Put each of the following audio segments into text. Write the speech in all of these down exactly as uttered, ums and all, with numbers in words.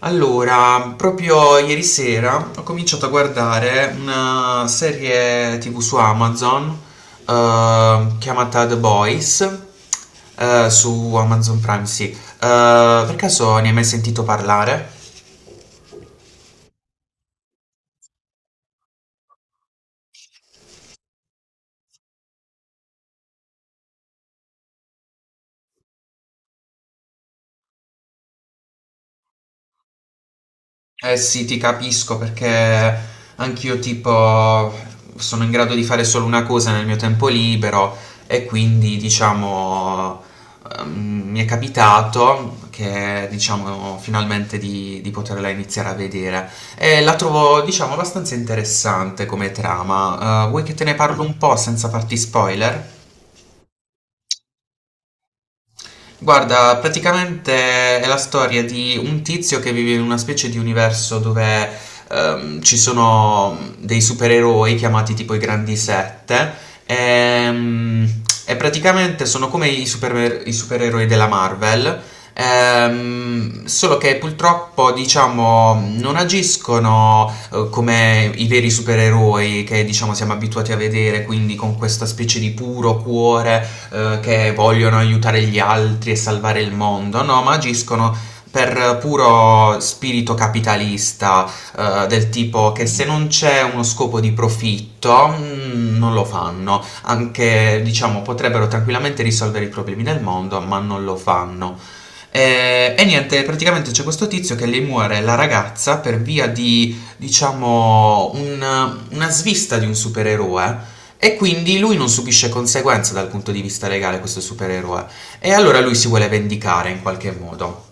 Allora, proprio ieri sera ho cominciato a guardare una serie ti vù su Amazon, eh, chiamata The Boys, eh, su Amazon Prime, sì. Eh, per caso ne hai mai sentito parlare? Eh sì, ti capisco perché anch'io tipo sono in grado di fare solo una cosa nel mio tempo libero e quindi diciamo ehm, mi è capitato che diciamo finalmente di, di poterla iniziare a vedere e la trovo diciamo abbastanza interessante come trama. Eh, vuoi che te ne parlo un po' senza farti spoiler? Guarda, praticamente è la storia di un tizio che vive in una specie di universo dove ehm, ci sono dei supereroi chiamati tipo i Grandi Sette, ehm, e praticamente sono come i, super- i supereroi della Marvel, ehm, solo che purtroppo diciamo non agiscono, eh, come i veri supereroi che diciamo siamo abituati a vedere, quindi con questa specie di puro cuore, eh, che vogliono aiutare gli altri e salvare il mondo, no, ma agiscono per puro spirito capitalista, eh, del tipo che se non c'è uno scopo di profitto mm, non lo fanno, anche diciamo potrebbero tranquillamente risolvere i problemi del mondo, ma non lo fanno. E, e niente, praticamente c'è questo tizio che le muore la ragazza per via di, diciamo, un- una svista di un supereroe e quindi lui non subisce conseguenze dal punto di vista legale, questo supereroe. E allora lui si vuole vendicare in qualche modo.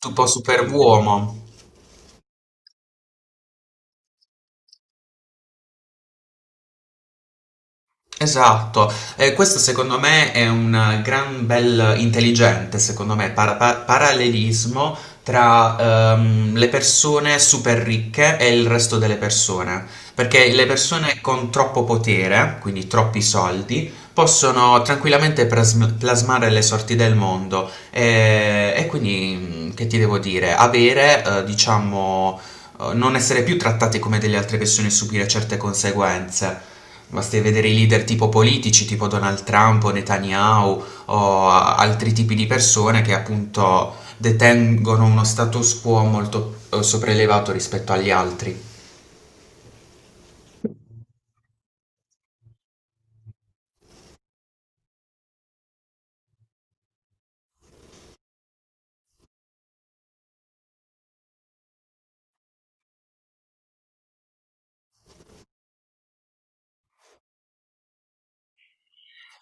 Tipo superuomo. Esatto, eh, questo secondo me è un gran bel intelligente, secondo me, para- pa- parallelismo tra ehm, le persone super ricche e il resto delle persone, perché le persone con troppo potere, quindi troppi soldi, possono tranquillamente pras- plasmare le sorti del mondo e, e quindi, mh, che ti devo dire, avere, eh, diciamo, eh, non essere più trattate come delle altre persone e subire certe conseguenze. Basti vedere i leader tipo politici, tipo Donald Trump o Netanyahu o a- altri tipi di persone che appunto detengono uno status quo molto eh, sopraelevato rispetto agli altri.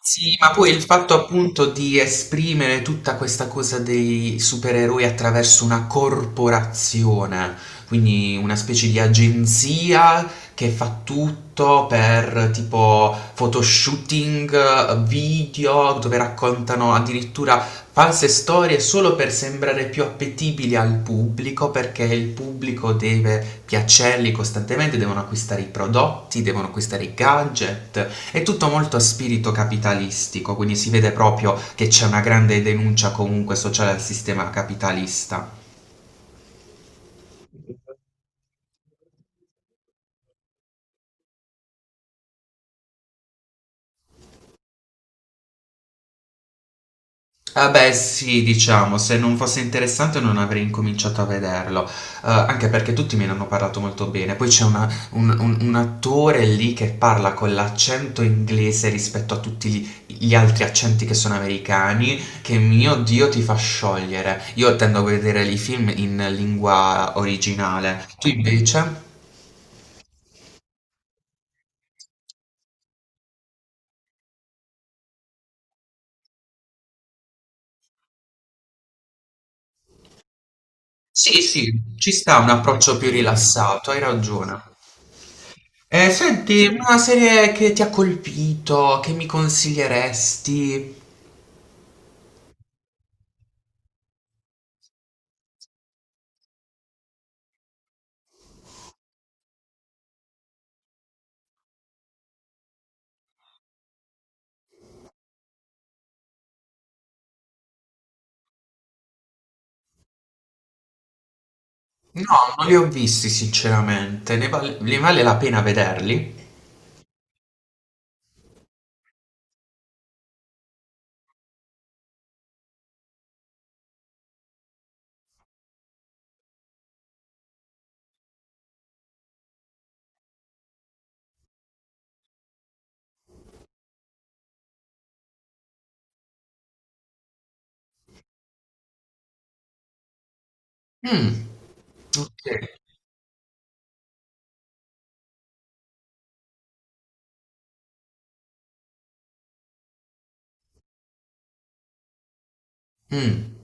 Sì, ma poi il fatto appunto di esprimere tutta questa cosa dei supereroi attraverso una corporazione, quindi una specie di agenzia che fa tutto per tipo photoshooting, eh, video, dove raccontano addirittura false storie solo per sembrare più appetibili al pubblico, perché il pubblico deve piacerli costantemente, devono acquistare i prodotti, devono acquistare i gadget. È tutto molto a spirito capitalistico, quindi si vede proprio che c'è una grande denuncia comunque sociale al sistema capitalista. Ah beh sì, diciamo, se non fosse interessante non avrei incominciato a vederlo. Eh, anche perché tutti me ne hanno parlato molto bene. Poi c'è una- un, un- un attore lì che parla con l'accento inglese rispetto a tutti gli, gli altri accenti che sono americani, che mio Dio ti fa sciogliere. Io tendo a vedere i film in lingua originale. Tu invece? Sì, sì, ci sta un approccio più rilassato, hai ragione. Eh, senti, una serie che ti ha colpito, che mi consiglieresti? No, non li ho visti sinceramente, ne vale, ne vale la pena vederli? Mm, sì. Mm.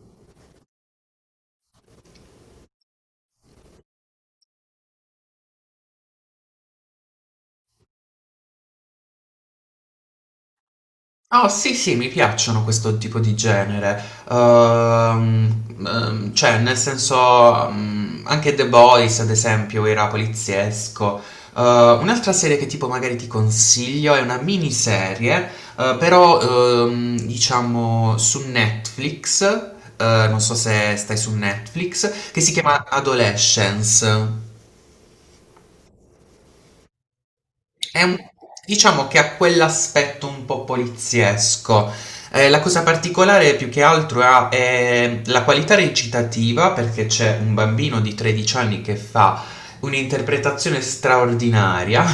Oh sì, sì, mi piacciono questo tipo di genere. Ehm, ehm, cioè, nel senso, mm, anche The Boys, ad esempio, era poliziesco. Eh, Un'altra serie che tipo magari ti consiglio è una miniserie, eh, però ehm, diciamo su Netflix, eh, non so se stai su Netflix, che si chiama Adolescence. È un, diciamo che ha quell'aspetto un po' poliziesco. Eh, la cosa particolare più che altro ha, eh, la qualità recitativa, perché c'è un bambino di tredici anni che fa un'interpretazione straordinaria.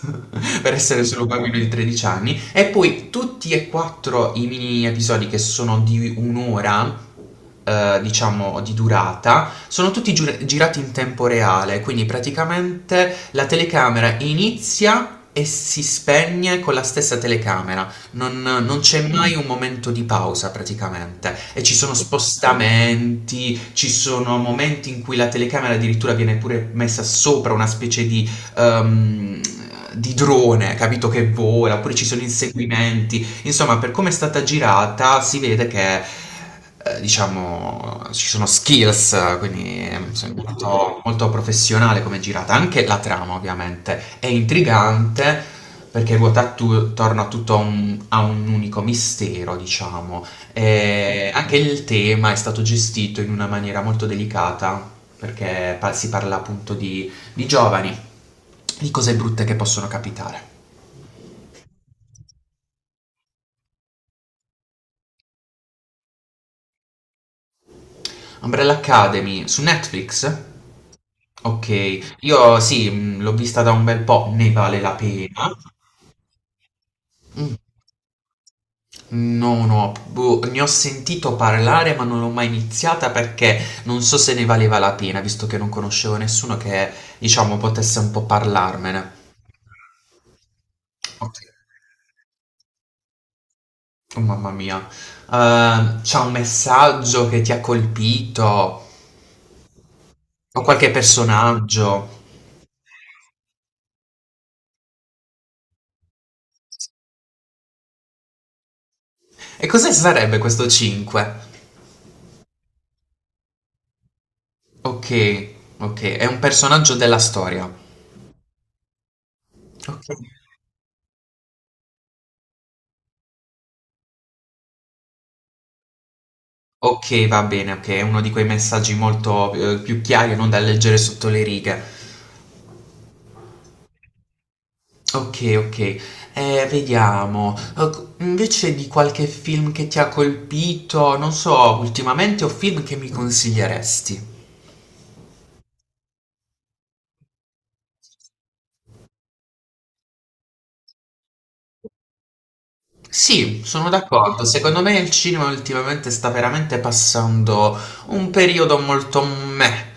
Per essere solo un bambino di tredici anni, e poi tutti e quattro i mini episodi che sono di un'ora, eh, diciamo di durata, sono tutti giur- girati in tempo reale, quindi praticamente la telecamera inizia e si spegne con la stessa telecamera, non, non c'è mai un momento di pausa praticamente e ci sono spostamenti, ci sono momenti in cui la telecamera addirittura viene pure messa sopra una specie di, ehm, di drone, capito che vola, oppure ci sono inseguimenti. Insomma, per come è stata girata, si vede che, eh, diciamo, ci sono skills, quindi è molto, molto professionale come è girata. Anche la trama, ovviamente, è intrigante perché ruota attu- attorno a tutto un- a un unico mistero, diciamo. E anche il tema è stato gestito in una maniera molto delicata, perché pa- si parla appunto di, di giovani, di cose brutte che possono capitare. Umbrella Academy su Netflix? Ok, io sì, mh, l'ho vista da un bel po', ne vale la pena. Mm, no, no, boh, ne ho sentito parlare ma non l'ho mai iniziata perché non so se ne valeva la pena, visto che non conoscevo nessuno che, diciamo, potesse un po' parlarmene. Ok, oh, mamma mia. Eh, c'è un messaggio che ti ha colpito? O qualche personaggio? E cosa sarebbe questo cinque? Ok, ok, è un personaggio della storia. Ok. Ok, va bene, ok, è uno di quei messaggi molto, eh, più chiari, non da leggere sotto le righe. Ok, ok, eh, vediamo. Eh, c- invece di qualche film che ti ha colpito, non so, ultimamente o film che mi consiglieresti? Sì, sono d'accordo. Secondo me il cinema ultimamente sta veramente passando un periodo molto meh.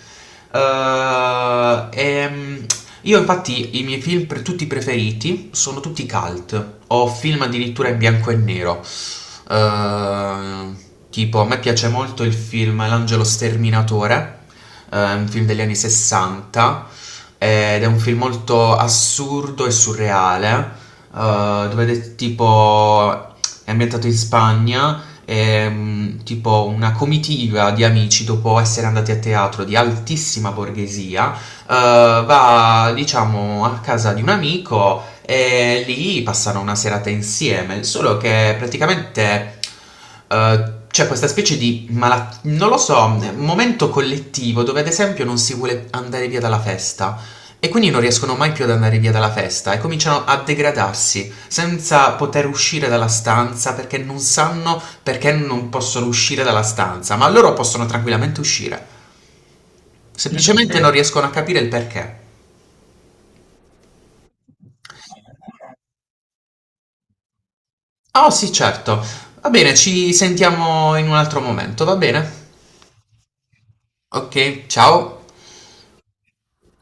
Eh, ehm, io infatti i miei film pre- tutti preferiti sono tutti cult o film addirittura in bianco e nero. Eh, tipo, a me piace molto il film L'angelo sterminatore, eh, è un film degli anni sessanta ed è un film molto assurdo e surreale, eh, dove è tipo è ambientato in Spagna e, mm, tipo una comitiva di amici dopo essere andati a teatro di altissima borghesia, eh, va diciamo a casa di un amico e lì passano una serata insieme, solo che praticamente eh, c'è questa specie di malattia, non lo so, un momento collettivo dove ad esempio non si vuole andare via dalla festa e quindi non riescono mai più ad andare via dalla festa e cominciano a degradarsi senza poter uscire dalla stanza perché non sanno perché non possono uscire dalla stanza, ma loro possono tranquillamente uscire. Semplicemente perché non riescono a capire il perché. Oh sì, certo. Va bene, ci sentiamo in un altro momento, va bene? Ok, ciao.